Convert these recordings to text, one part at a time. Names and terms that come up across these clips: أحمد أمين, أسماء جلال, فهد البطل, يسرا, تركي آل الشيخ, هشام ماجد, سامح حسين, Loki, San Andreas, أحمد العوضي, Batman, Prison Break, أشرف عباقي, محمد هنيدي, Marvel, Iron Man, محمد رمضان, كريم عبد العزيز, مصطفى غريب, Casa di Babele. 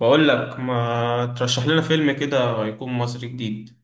بقول لك ما ترشح لنا فيلم كده يكون مصري جديد.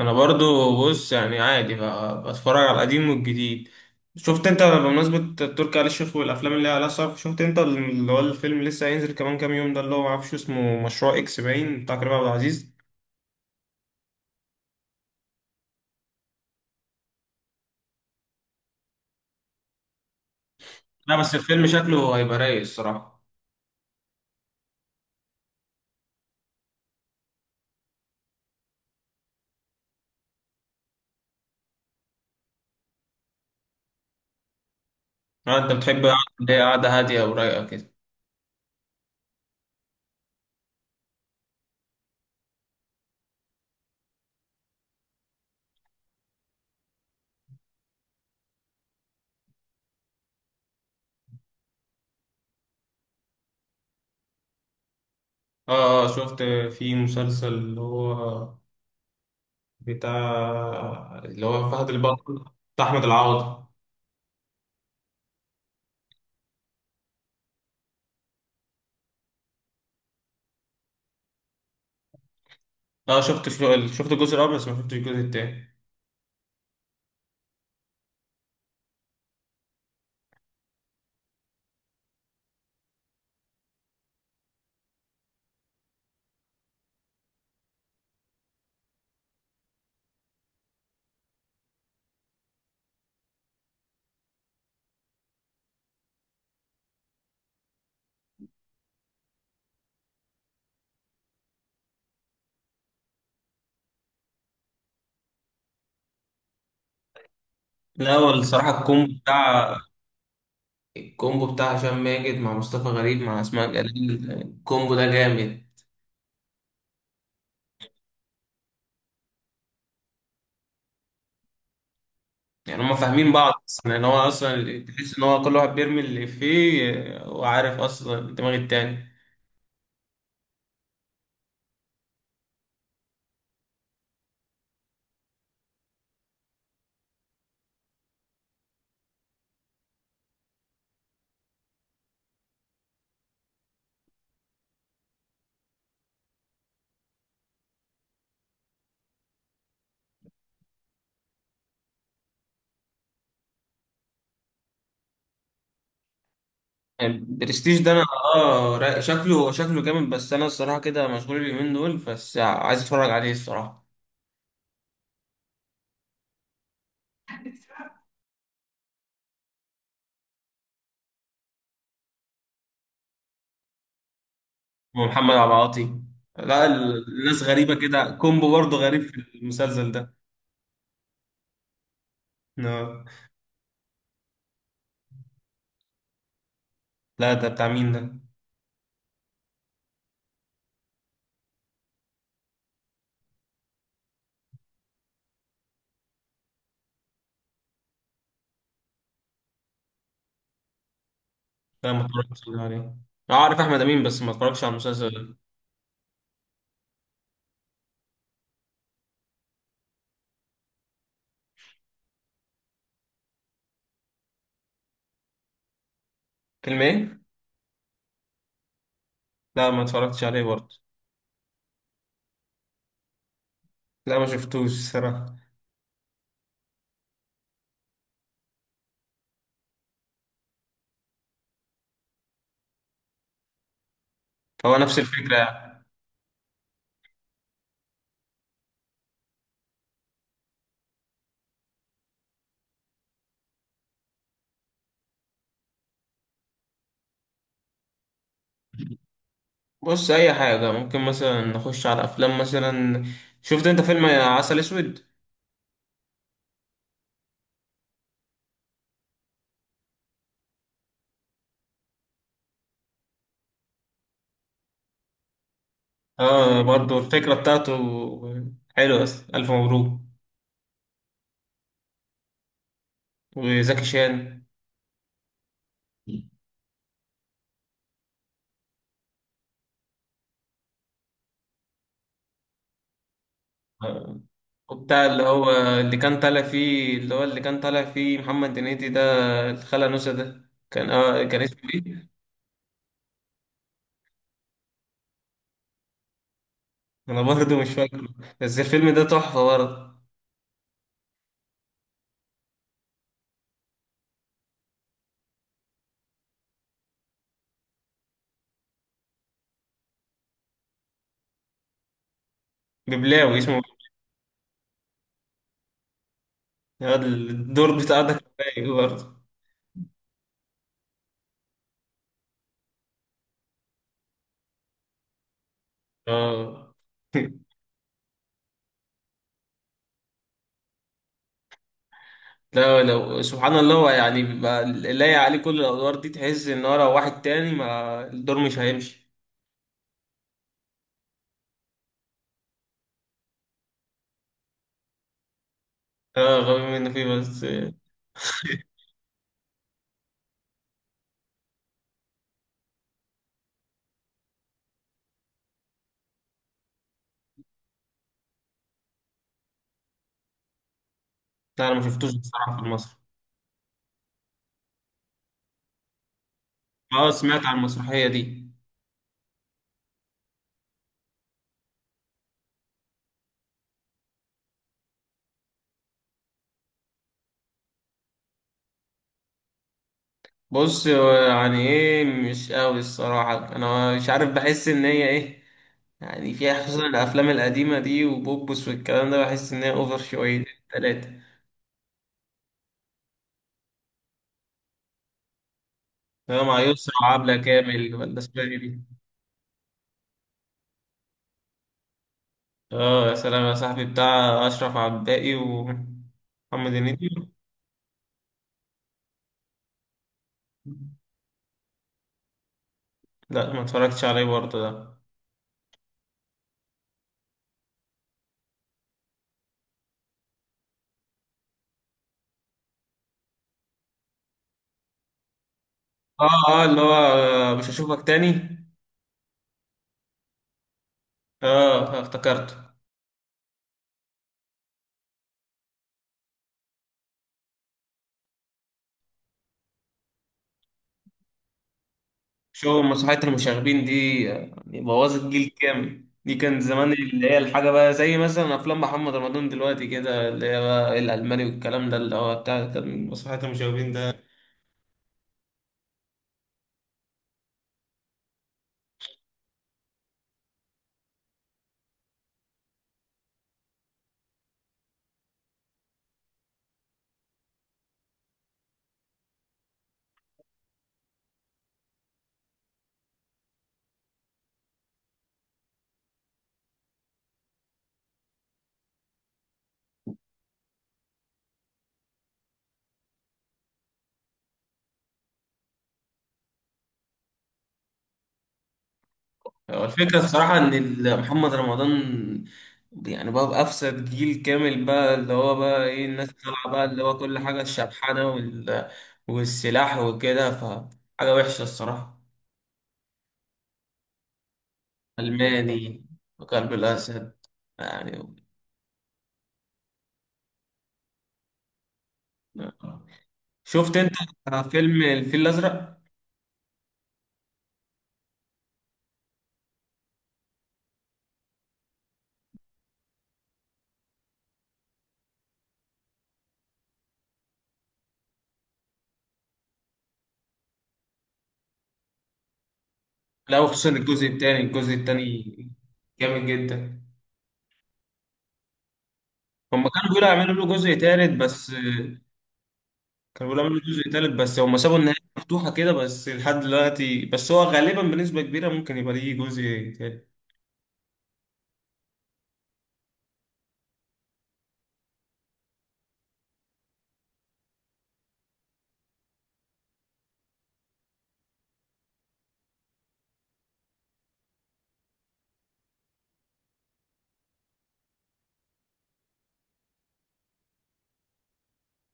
انا برضو. بص، يعني عادي بقى، بتفرج على القديم والجديد. شفت انت، بمناسبة تركي آل الشيخ والافلام اللي على صف، شفت انت اللي هو الفيلم اللي لسه هينزل كمان كام يوم ده، اللي هو معرفش اسمه، مشروع اكس باين بتاع كريم عبد العزيز؟ لا، بس الفيلم شكله هيبقى رايق الصراحة. آه، انت بتحب اللي هي قعدة هادية ورايقة كده. اه، آه، شفت. في مسلسل اللي هو بتاع اللي هو فهد البطل، بتاع احمد العوضي. لا، شفت الجزء الاول، بس ما شفتش الجزء التاني. لا، هو الصراحه الكومبو بتاع هشام ماجد مع مصطفى غريب مع اسماء جلال، الكومبو ده جامد. يعني هما فاهمين بعض اصلا، يعني هو اصلا تحس ان هو كل واحد بيرمي اللي فيه، وعارف اصلا دماغ التاني. يعني برستيج ده انا، شكله، شكله جامد، بس انا الصراحه كده مشغول اليومين دول، بس عايز اتفرج عليه الصراحه. ومحمد عبد العاطي. لا، الناس غريبه كده، كومبو برضه غريب في المسلسل ده. آه. لا، ده بتاع مين ده؟ لا، ما اتفرجتش عليه. أعرف أحمد أمين، بس ما اتفرجش على المسلسل ده. فيلم إيه؟ لا، ما اتفرجتش عليه برضه. لا، ما شفتوش الصراحة. هو نفس الفكرة يعني. بص، أي حاجة، ممكن مثلا نخش على أفلام مثلا. شفت أنت فيلم عسل أسود؟ آه، برضه الفكرة بتاعته حلوة أصلا. ألف مبروك. وزكي شان. آه، وبتاع اللي هو، اللي كان طالع فيه محمد هنيدي ده، الخالة نوسة ده، كان اسمه إيه؟ انا برضه مش فاكره، بس الفيلم ده تحفه برضه. ببلاوي اسمه. الواد الدور بتاع ده كان رايق برضه. اه. لا، لو سبحان الله، هو يعني بيبقى لايق عليه كل الادوار دي، تحس ان هو لو واحد تاني، ما الدور مش هيمشي. اه، غبي منه فيه، بس لا. انا ما شفتوش بصراحه في مصر. اه، سمعت عن المسرحيه دي. بص، هو يعني ايه، مش قوي الصراحة، انا مش عارف، بحس ان هي ايه يعني، فيها خصوصا الافلام القديمة دي، وبوبس والكلام ده، بحس ان هي اوفر شوية. تلاتة. ده مع يسرا وعبلة كامل، ولا اسمها إيه دي؟ اه، يا سلام يا صاحبي، بتاع اشرف عباقي ومحمد هنيدي. لا، ما اتفرجتش عليه برضه ده. اه، اه، اللي هو مش هشوفك تاني. اه، افتكرته. شو مسرحية المشاغبين دي، يعني بوظت جيل كامل دي، كان زمان اللي هي الحاجة بقى، زي مثلا أفلام محمد رمضان دلوقتي كده، اللي هي بقى الألماني والكلام ده، اللي هو بتاع كان مسرحية المشاغبين ده. هو الفكرة الصراحة إن محمد رمضان يعني بقى بأفسد جيل كامل بقى، اللي هو بقى إيه، الناس طالعة بقى، اللي هو كل حاجة الشبحانة وال... والسلاح وكده، فحاجة وحشة الصراحة. ألماني، وكلب الأسد، يعني. شفت انت فيلم الفيل الازرق؟ لا، وخصوصا الجزء الثاني، الجزء الثاني جامد جدا. هم كانوا بيقولوا يعملوا له جزء ثالث بس كانوا بيقولوا يعملوا جزء ثالث، بس هم سابوا النهايه مفتوحه كده، بس لحد دلوقتي، بس هو غالبا بنسبه كبيره ممكن يبقى ليه جزء ثالث.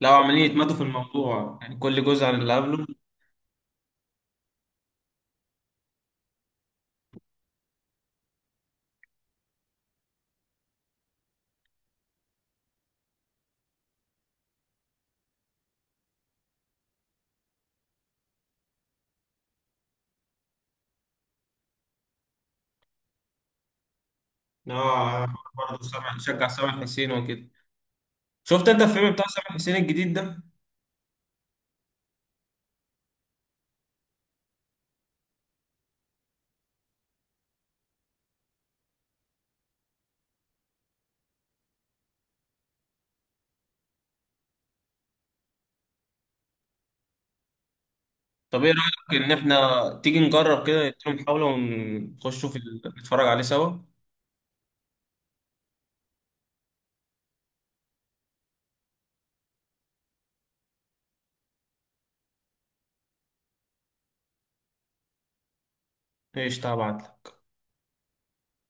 لو عمالين يتمادوا في الموضوع، يعني كل جزء عن اللي قبله. اه، برضه شجع سامح حسين وكده. شفت انت الفيلم بتاع سامح حسين الجديد ده؟ طب ايه رايك ان احنا تيجي نجرب كده، نديله محاوله، ونخشوا في نتفرج عليه سوا. ايش طبعت لك؟